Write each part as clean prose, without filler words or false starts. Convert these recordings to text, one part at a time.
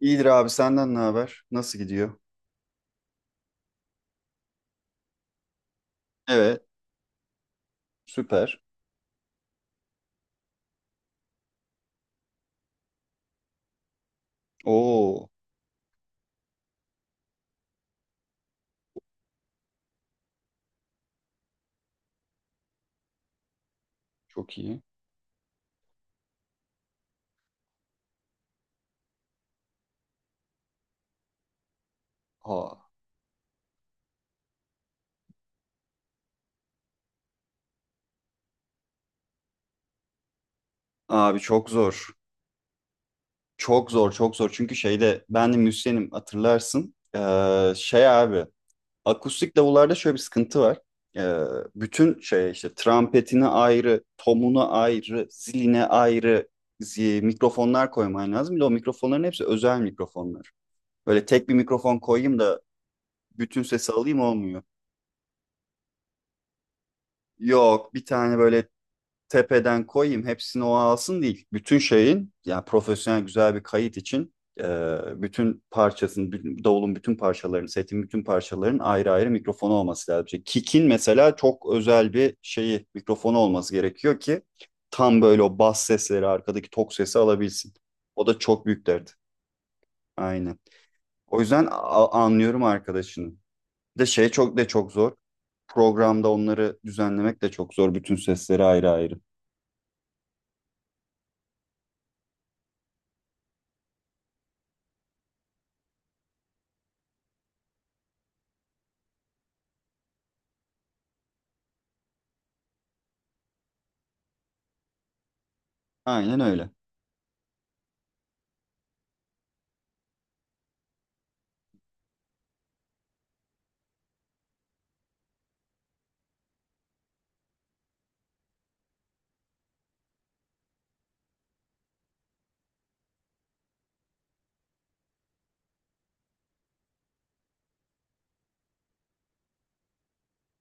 İyidir abi senden ne haber? Nasıl gidiyor? Evet, süper. Oo, çok iyi. Aa, abi çok zor. Çok zor, çok zor. Çünkü şeyde ben de müzisyenim hatırlarsın. Şey abi, akustik davullarda şöyle bir sıkıntı var. Ee, bütün şey işte trampetine ayrı, tomuna ayrı, ziline ayrı mikrofonlar koyman lazım. Bir de o mikrofonların hepsi özel mikrofonlar. Böyle tek bir mikrofon koyayım da bütün sesi alayım olmuyor. Yok, bir tane böyle tepeden koyayım hepsini o alsın değil. Bütün şeyin yani profesyonel güzel bir kayıt için e, bütün parçasının, bütün- davulun bütün parçalarının, setin bütün parçalarının ayrı ayrı mikrofonu olması lazım. İşte kick'in mesela çok özel bir şeyi, mikrofonu olması gerekiyor ki tam böyle o bas sesleri, arkadaki tok sesi alabilsin. O da çok büyük dert. Aynen. O yüzden anlıyorum arkadaşını. Bir de şey çok de çok zor. Programda onları düzenlemek de çok zor. Bütün sesleri ayrı ayrı. Aynen öyle.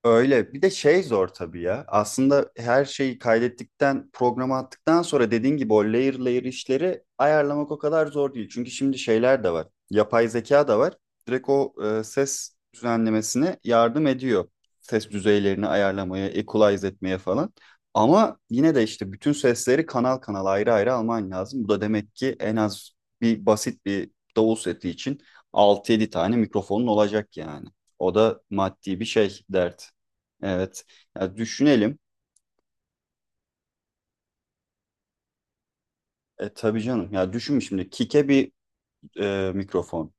Öyle. Bir de şey zor tabii ya. Aslında her şeyi kaydettikten, programa attıktan sonra dediğin gibi o layer layer işleri ayarlamak o kadar zor değil. Çünkü şimdi şeyler de var. Yapay zeka da var. Direkt o ses düzenlemesine yardım ediyor. Ses düzeylerini ayarlamaya, equalize etmeye falan. Ama yine de işte bütün sesleri kanal kanal ayrı ayrı alman lazım. Bu da demek ki en az bir basit bir davul seti için 6 yedi tane mikrofonun olacak yani. O da maddi bir şey dert. Evet. Ya düşünelim. E, tabii canım. Ya düşün şimdi. Kick'e bir mikrofon.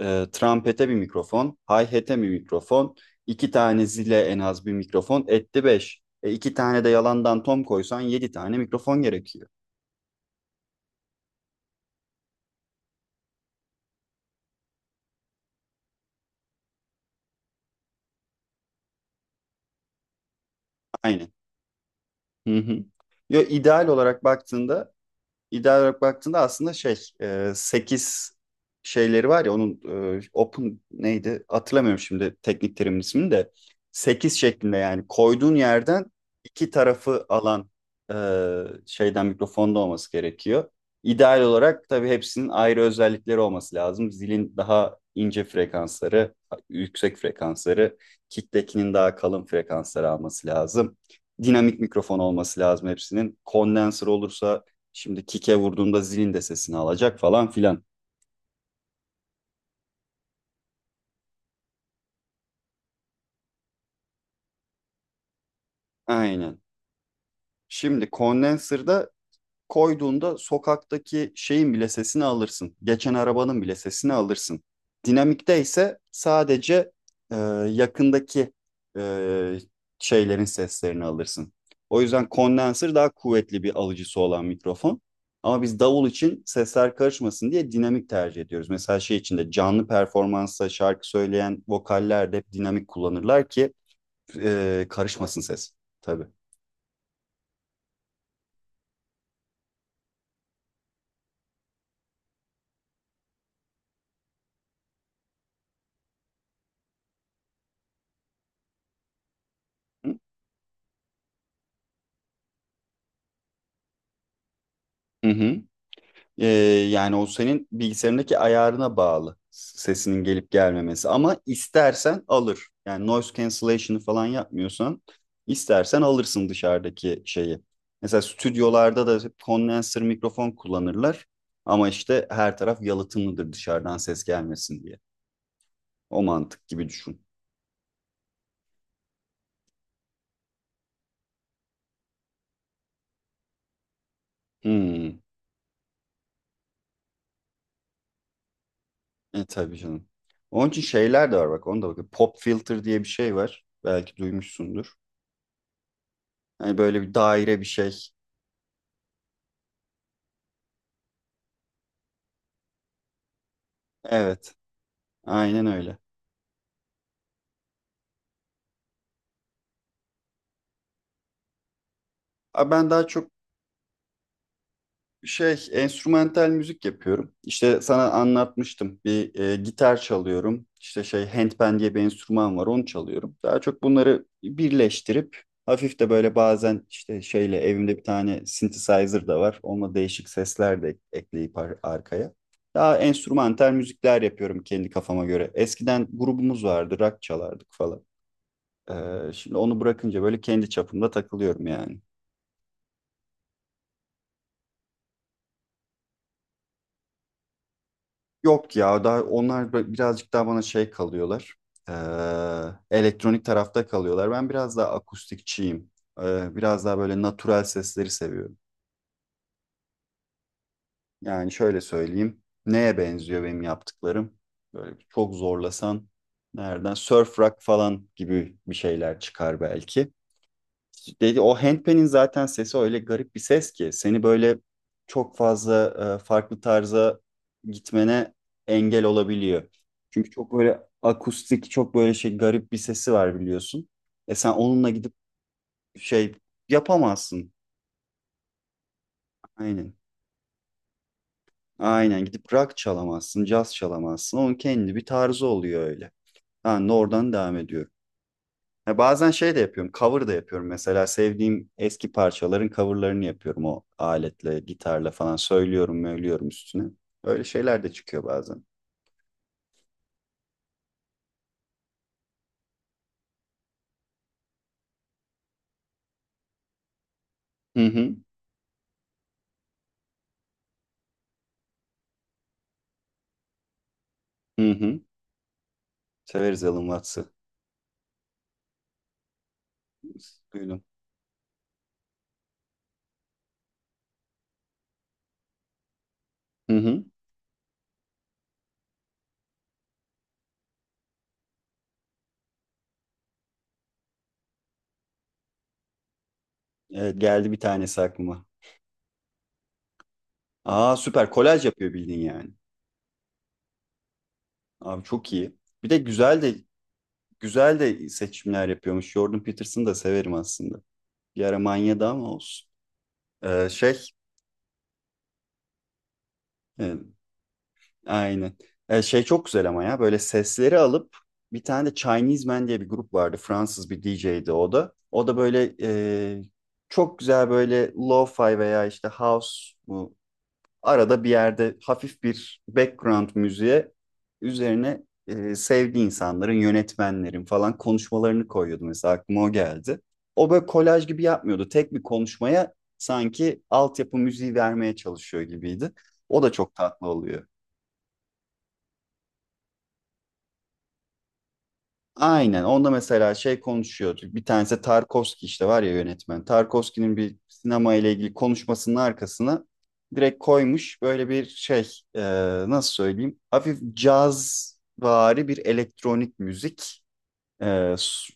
Trumpete bir mikrofon. Hi-hat'e bir mikrofon. İki tane zile en az bir mikrofon. Etti beş. İki tane de yalandan tom koysan yedi tane mikrofon gerekiyor. Aynen. Hı hı. Yo, ideal olarak baktığında İdeal olarak baktığında aslında şey 8 şeyleri var ya onun open neydi hatırlamıyorum şimdi teknik terimin ismini de 8 şeklinde yani koyduğun yerden iki tarafı alan e, şeyden mikrofonda olması gerekiyor. İdeal olarak tabii hepsinin ayrı özellikleri olması lazım. Zilin daha ince frekansları, yüksek frekansları, kicktekinin daha kalın frekansları alması lazım. Dinamik mikrofon olması lazım hepsinin. Kondenser olursa şimdi kike vurduğunda zilin de sesini alacak falan filan. Aynen. Şimdi condenser'da koyduğunda sokaktaki şeyin bile sesini alırsın. Geçen arabanın bile sesini alırsın. Dinamikte ise sadece e, yakındaki e, şeylerin seslerini alırsın. O yüzden condenser daha kuvvetli bir alıcısı olan mikrofon. Ama biz davul için sesler karışmasın diye dinamik tercih ediyoruz. Mesela şey içinde canlı performansta şarkı söyleyen vokaller de hep dinamik kullanırlar ki karışmasın ses. Tabii. Hı hı. E, yani o senin bilgisayarındaki ayarına bağlı sesinin gelip gelmemesi. Ama istersen alır. Yani noise cancellation'ı falan yapmıyorsan istersen alırsın dışarıdaki şeyi. Mesela stüdyolarda da hep kondenser mikrofon kullanırlar. Ama işte her taraf yalıtımlıdır dışarıdan ses gelmesin diye. O mantık gibi düşün. Hmm. E tabii canım. Onun için şeyler de var bak onu da bak. Pop filter diye bir şey var. Belki duymuşsundur. Yani böyle bir daire bir şey. Evet, aynen öyle. A, ben daha çok şey enstrümantal müzik yapıyorum. İşte sana anlatmıştım. Bir gitar çalıyorum. İşte şey handpan diye bir enstrüman var, onu çalıyorum. Daha çok bunları birleştirip hafif de böyle bazen işte şeyle evimde bir tane synthesizer da var. Onunla değişik sesler de ekleyip arkaya. Daha enstrümantal müzikler yapıyorum kendi kafama göre. Eskiden grubumuz vardı, rock çalardık falan. Şimdi onu bırakınca böyle kendi çapımda takılıyorum yani. Yok ya daha onlar birazcık daha bana şey kalıyorlar. Ee, elektronik tarafta kalıyorlar. Ben biraz daha akustikçiyim. Biraz daha böyle natural sesleri seviyorum. Yani şöyle söyleyeyim. Neye benziyor benim yaptıklarım? Böyle çok zorlasan nereden? Surf rock falan gibi bir şeyler çıkar belki. Dedi o handpan'in zaten sesi öyle garip bir ses ki seni böyle çok fazla farklı tarza gitmene engel olabiliyor. Çünkü çok böyle akustik, çok böyle şey garip bir sesi var biliyorsun. E sen onunla gidip şey yapamazsın. Aynen. Aynen gidip rock çalamazsın, caz çalamazsın. Onun kendi bir tarzı oluyor öyle. Ben de oradan devam ediyorum. Ya bazen şey de yapıyorum, cover da yapıyorum. Mesela sevdiğim eski parçaların coverlarını yapıyorum o aletle, gitarla falan söylüyorum, söylüyorum üstüne. Öyle şeyler de çıkıyor bazen. Hı hı, hı hı. Severiz Alan Watts'ı. Duydum. Hı hı. Evet, geldi bir tanesi aklıma. Aa, süper, kolaj yapıyor bildiğin yani. Abi çok iyi. Bir de güzel de güzel de seçimler yapıyormuş. Jordan Peterson'ı da severim aslında. Bir ara manyadı ama olsun. Ee, şey, e, Aynen. Şey çok güzel ama ya böyle sesleri alıp bir tane de Chinese Man diye bir grup vardı. Fransız bir DJ'di o da. O da böyle çok güzel böyle lo-fi veya işte house bu arada bir yerde hafif bir background müziğe üzerine sevdiği insanların, yönetmenlerin falan konuşmalarını koyuyordu mesela aklıma o geldi. O böyle kolaj gibi yapmıyordu. Tek bir konuşmaya sanki altyapı müziği vermeye çalışıyor gibiydi. O da çok tatlı oluyor. Aynen. Onda mesela şey konuşuyorduk. Bir tanesi Tarkovski işte var ya yönetmen. Tarkovski'nin bir sinema ile ilgili konuşmasının arkasına direkt koymuş böyle bir şey e, nasıl söyleyeyim? Hafif cazvari bir elektronik müzik. E, s-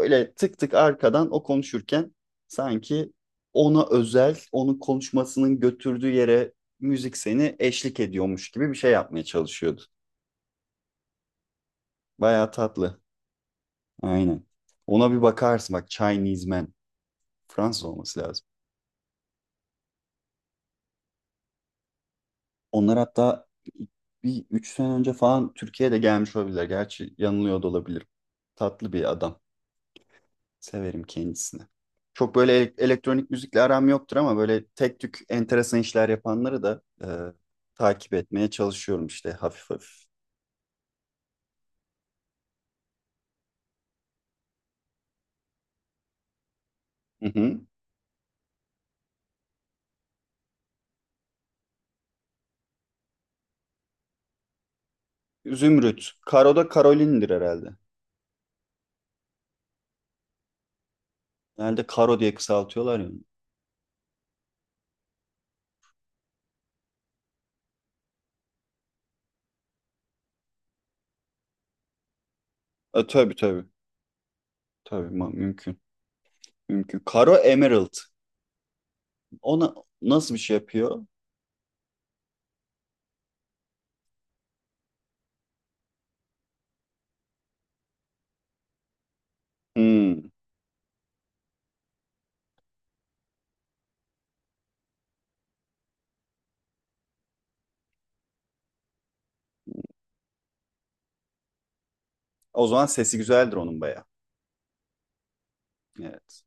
öyle tık tık arkadan o konuşurken sanki ona özel, onun konuşmasının götürdüğü yere müzik seni eşlik ediyormuş gibi bir şey yapmaya çalışıyordu. Bayağı tatlı. Aynen. Ona bir bakarsın. Bak Chinese Man. Fransız olması lazım. Onlar hatta bir 3 sene önce falan Türkiye'de gelmiş olabilirler. Gerçi yanılıyor da olabilirim. Tatlı bir adam. Severim kendisini. Çok böyle elektronik müzikle aram yoktur ama böyle tek tük enteresan işler yapanları da takip etmeye çalışıyorum işte hafif hafif. Hı hı. Zümrüt. Karo da Karolin'dir herhalde. Herhalde Karo diye kısaltıyorlar ya. E, tabii tabii. Tabii mümkün. Mümkün. Karo Emerald. Ona nasıl bir şey yapıyor? Hmm. O zaman sesi güzeldir onun baya. Evet.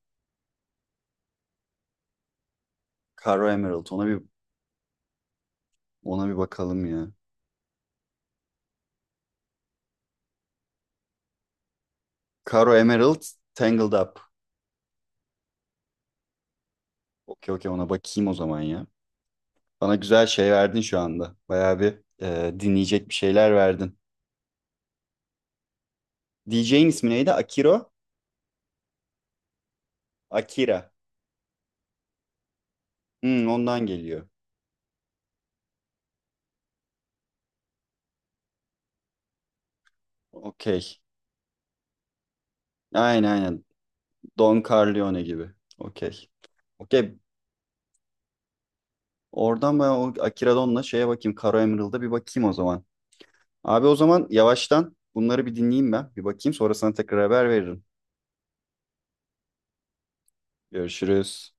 Caro Emerald. Ona bir bakalım ya. Caro Emerald Tangled Up. Okey okey, ona bakayım o zaman ya. Bana güzel şey verdin şu anda. Bayağı bir dinleyecek bir şeyler verdin. DJ'in ismi neydi? Akiro? Akira. Hmm, ondan geliyor. Okey. Aynen aynen. Don Corleone gibi. Okey. Okey. Oradan ben o Akira Don'la şeye bakayım. Caro Emerald'a bir bakayım o zaman. Abi o zaman yavaştan bunları bir dinleyeyim ben. Bir bakayım sonra sana tekrar haber veririm. Görüşürüz.